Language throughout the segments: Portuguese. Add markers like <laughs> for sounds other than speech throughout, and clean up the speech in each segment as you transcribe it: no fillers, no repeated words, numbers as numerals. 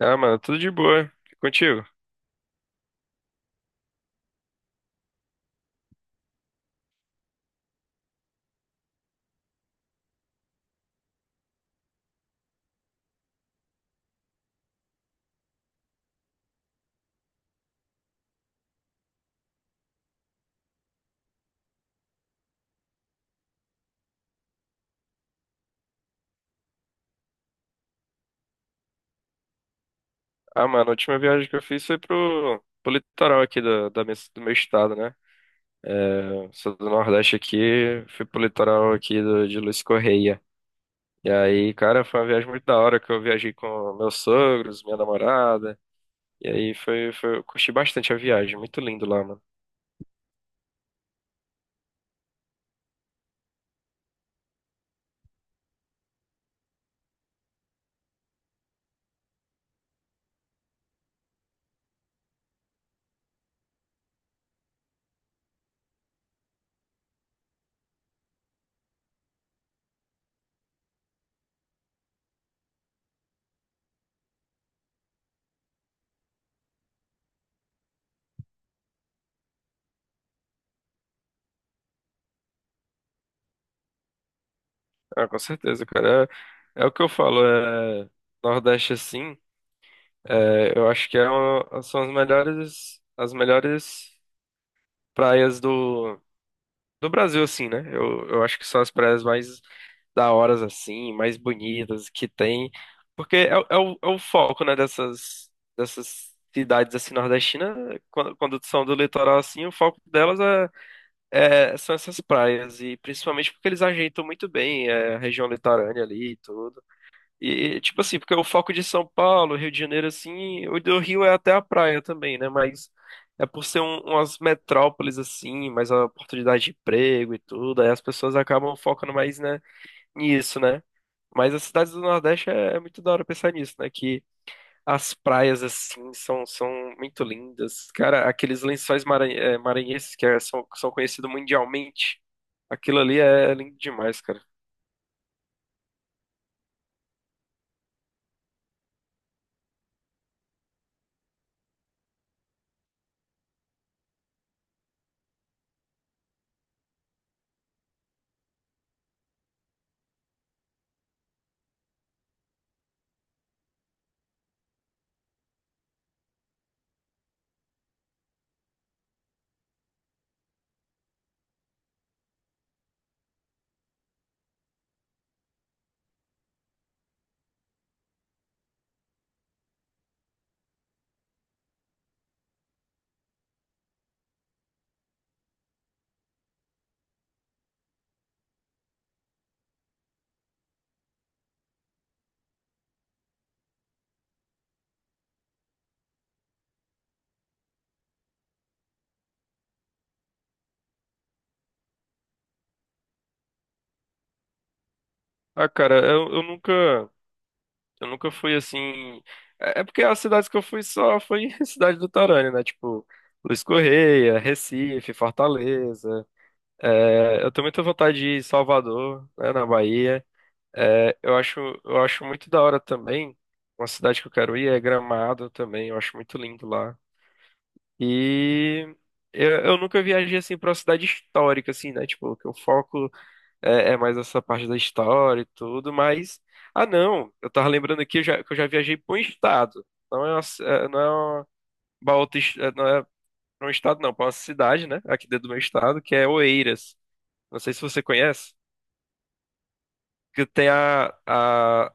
Ah, mano, tudo de boa. E contigo? Ah, mano, a última viagem que eu fiz foi pro litoral aqui da do meu estado, né? É, sou do Nordeste aqui, fui pro litoral aqui de Luiz Correia. E aí, cara, foi uma viagem muito da hora que eu viajei com meus sogros, minha namorada. E aí foi, eu curti bastante a viagem, muito lindo lá, mano. Ah, com certeza, cara. É, é o que eu falo, é, Nordeste assim, é, eu acho que são as melhores praias do Brasil, assim, né? Eu acho que são as praias mais da horas, assim, mais bonitas que tem. Porque é o foco, né, dessas cidades, assim, nordestinas. Quando são do litoral, assim, o foco delas são essas praias. E principalmente porque eles ajeitam muito bem é, a região litorânea ali e tudo. E, tipo assim, porque o foco de São Paulo, Rio de Janeiro, assim, o do Rio é até a praia também, né? Mas é por ser umas metrópoles, assim, mais a oportunidade de emprego e tudo, aí as pessoas acabam focando mais, né, nisso, né? Mas as cidades do Nordeste é, é muito da hora pensar nisso, né? Que as praias, assim, são muito lindas. Cara, aqueles maranhenses são, são conhecidos mundialmente, aquilo ali é lindo demais, cara. Ah, cara, eu nunca. Eu nunca fui assim. É é porque as cidades que eu fui só foi <laughs> cidade do Torânio, né? Tipo, Luiz Correia, Recife, Fortaleza. É, eu tenho muita vontade de ir em Salvador, né, na Bahia. É, eu acho muito da hora também. Uma cidade que eu quero ir é Gramado também. Eu acho muito lindo lá. E eu nunca viajei assim pra uma cidade histórica, assim, né? Tipo, que o foco é, é mais essa parte da história e tudo, mas. Ah, não, eu tava lembrando aqui que eu já viajei para um estado. Não é uma, ci- é, não é uma, pra outra est- é Não é pra um estado, não, para uma cidade, né? Aqui dentro do meu estado, que é Oeiras. Não sei se você conhece, que tem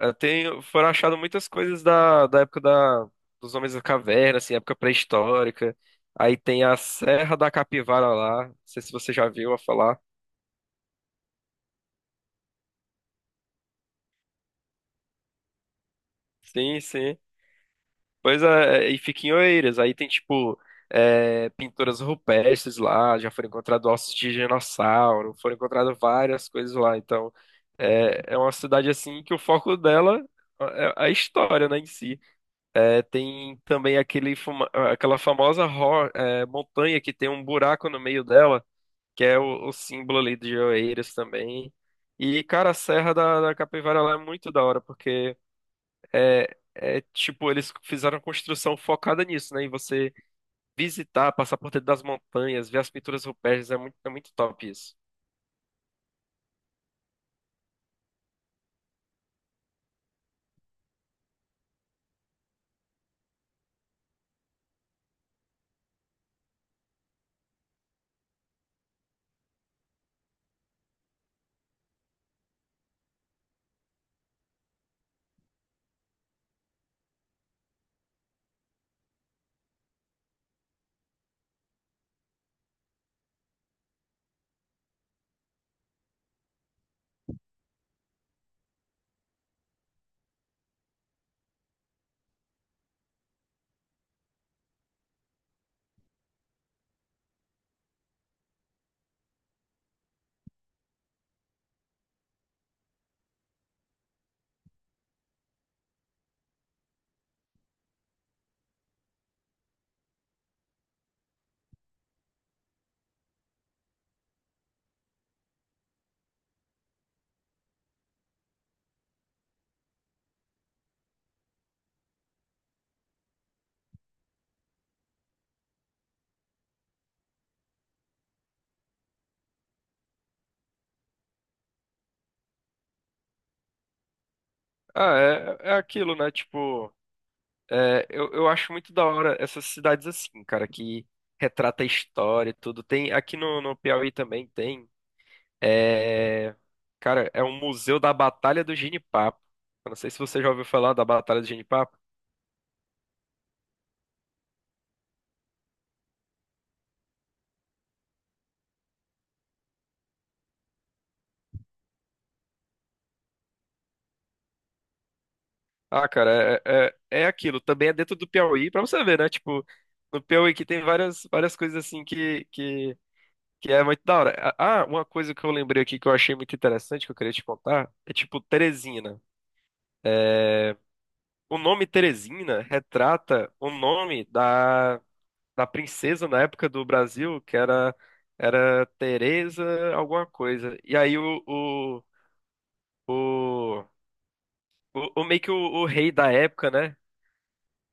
a- tem, foram achadas muitas coisas da época da, dos homens da caverna, assim, época pré-histórica. Aí tem a Serra da Capivara lá. Não sei se você já viu a falar. Sim, sim. Pois é, e fica em Oeiras. Aí tem, tipo, é, pinturas rupestres lá, já foram encontrados ossos de dinossauro, foram encontradas várias coisas lá. Então, é, é uma cidade, assim, que o foco dela é a história, né, em si. É, tem também aquela famosa montanha que tem um buraco no meio dela, que é o símbolo ali de Oeiras também. E, cara, a Serra da Capivara lá é muito da hora, porque é, é tipo, eles fizeram uma construção focada nisso, né? Em você visitar, passar por dentro das montanhas, ver as pinturas rupestres, é muito top isso. Ah, é, é aquilo, né? Tipo, é, eu acho muito da hora essas cidades assim, cara, que retrata a história e tudo. Tem, aqui no Piauí também tem. É, cara, é um museu da Batalha do Genipapo. Eu não sei se você já ouviu falar da Batalha do Genipapo. Ah, cara, é aquilo. Também é dentro do Piauí, pra você ver, né? Tipo, no Piauí que tem várias, várias coisas assim que é muito da hora. Ah, uma coisa que eu lembrei aqui que eu achei muito interessante, que eu queria te contar, é tipo Teresina. É, o nome Teresina retrata o nome da, da princesa na época do Brasil, que era, era Teresa alguma coisa. E aí o, o, meio que o rei da época, né?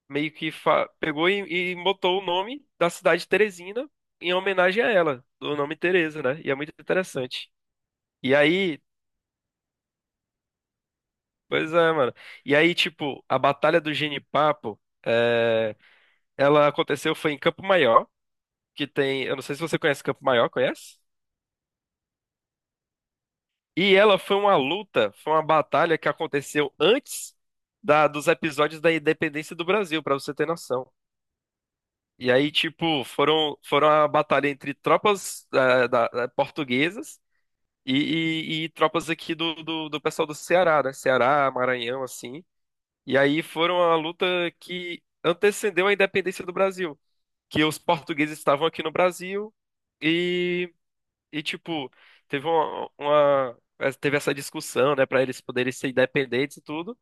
Meio que pegou e botou o nome da cidade de Teresina em homenagem a ela, do nome Teresa, né? E é muito interessante. E aí, pois é, mano. E aí, tipo, a Batalha do Genipapo, é, ela aconteceu foi em Campo Maior, que tem, eu não sei se você conhece Campo Maior, conhece? E ela foi uma luta, foi uma batalha que aconteceu antes dos episódios da independência do Brasil, pra você ter noção. E aí, tipo, foram a batalha entre tropas portuguesas e, e tropas aqui do pessoal do Ceará, né? Ceará, Maranhão, assim. E aí foram a luta que antecedeu a independência do Brasil. Que os portugueses estavam aqui no Brasil e, e tipo, teve teve essa discussão, né, para eles poderem ser independentes e tudo.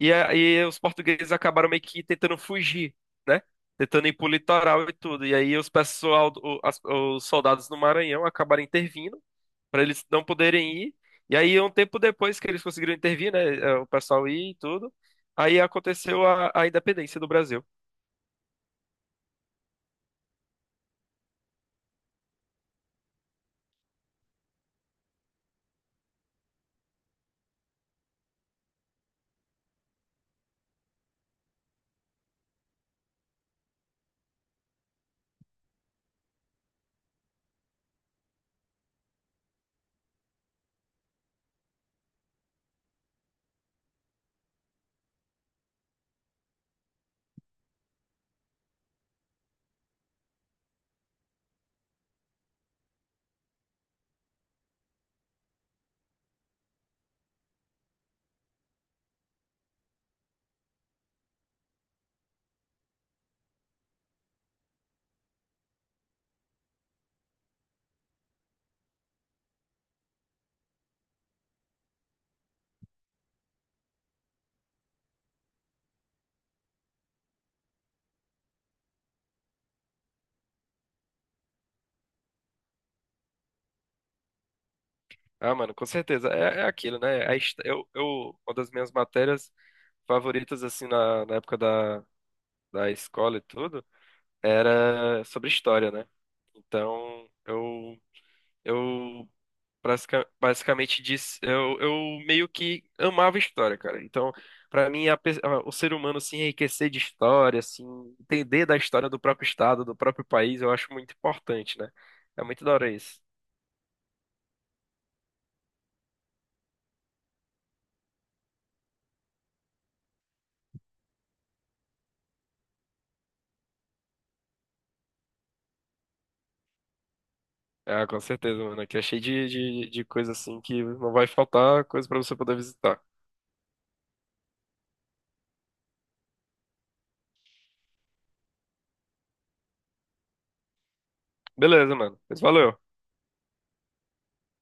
E aí os portugueses acabaram meio que tentando fugir, né? Tentando ir pro litoral e tudo. E aí os pessoal, os soldados do Maranhão acabaram intervindo para eles não poderem ir. E aí, um tempo depois que eles conseguiram intervir, né, eh, o pessoal ir e tudo, aí aconteceu a independência do Brasil. Ah, mano, com certeza. É, é aquilo, né? A his- eu, Uma das minhas matérias favoritas, assim, na época da escola e tudo, era sobre história, né? Então, Eu basicamente disse, eu meio que amava história, cara. Então, pra mim, o ser humano se enriquecer de história, assim, entender da história do próprio estado, do próprio país, eu acho muito importante, né? É muito da hora isso. Ah, com certeza, mano. Aqui é cheio de coisa assim que não vai faltar coisa pra você poder visitar. Beleza, mano. Mas valeu.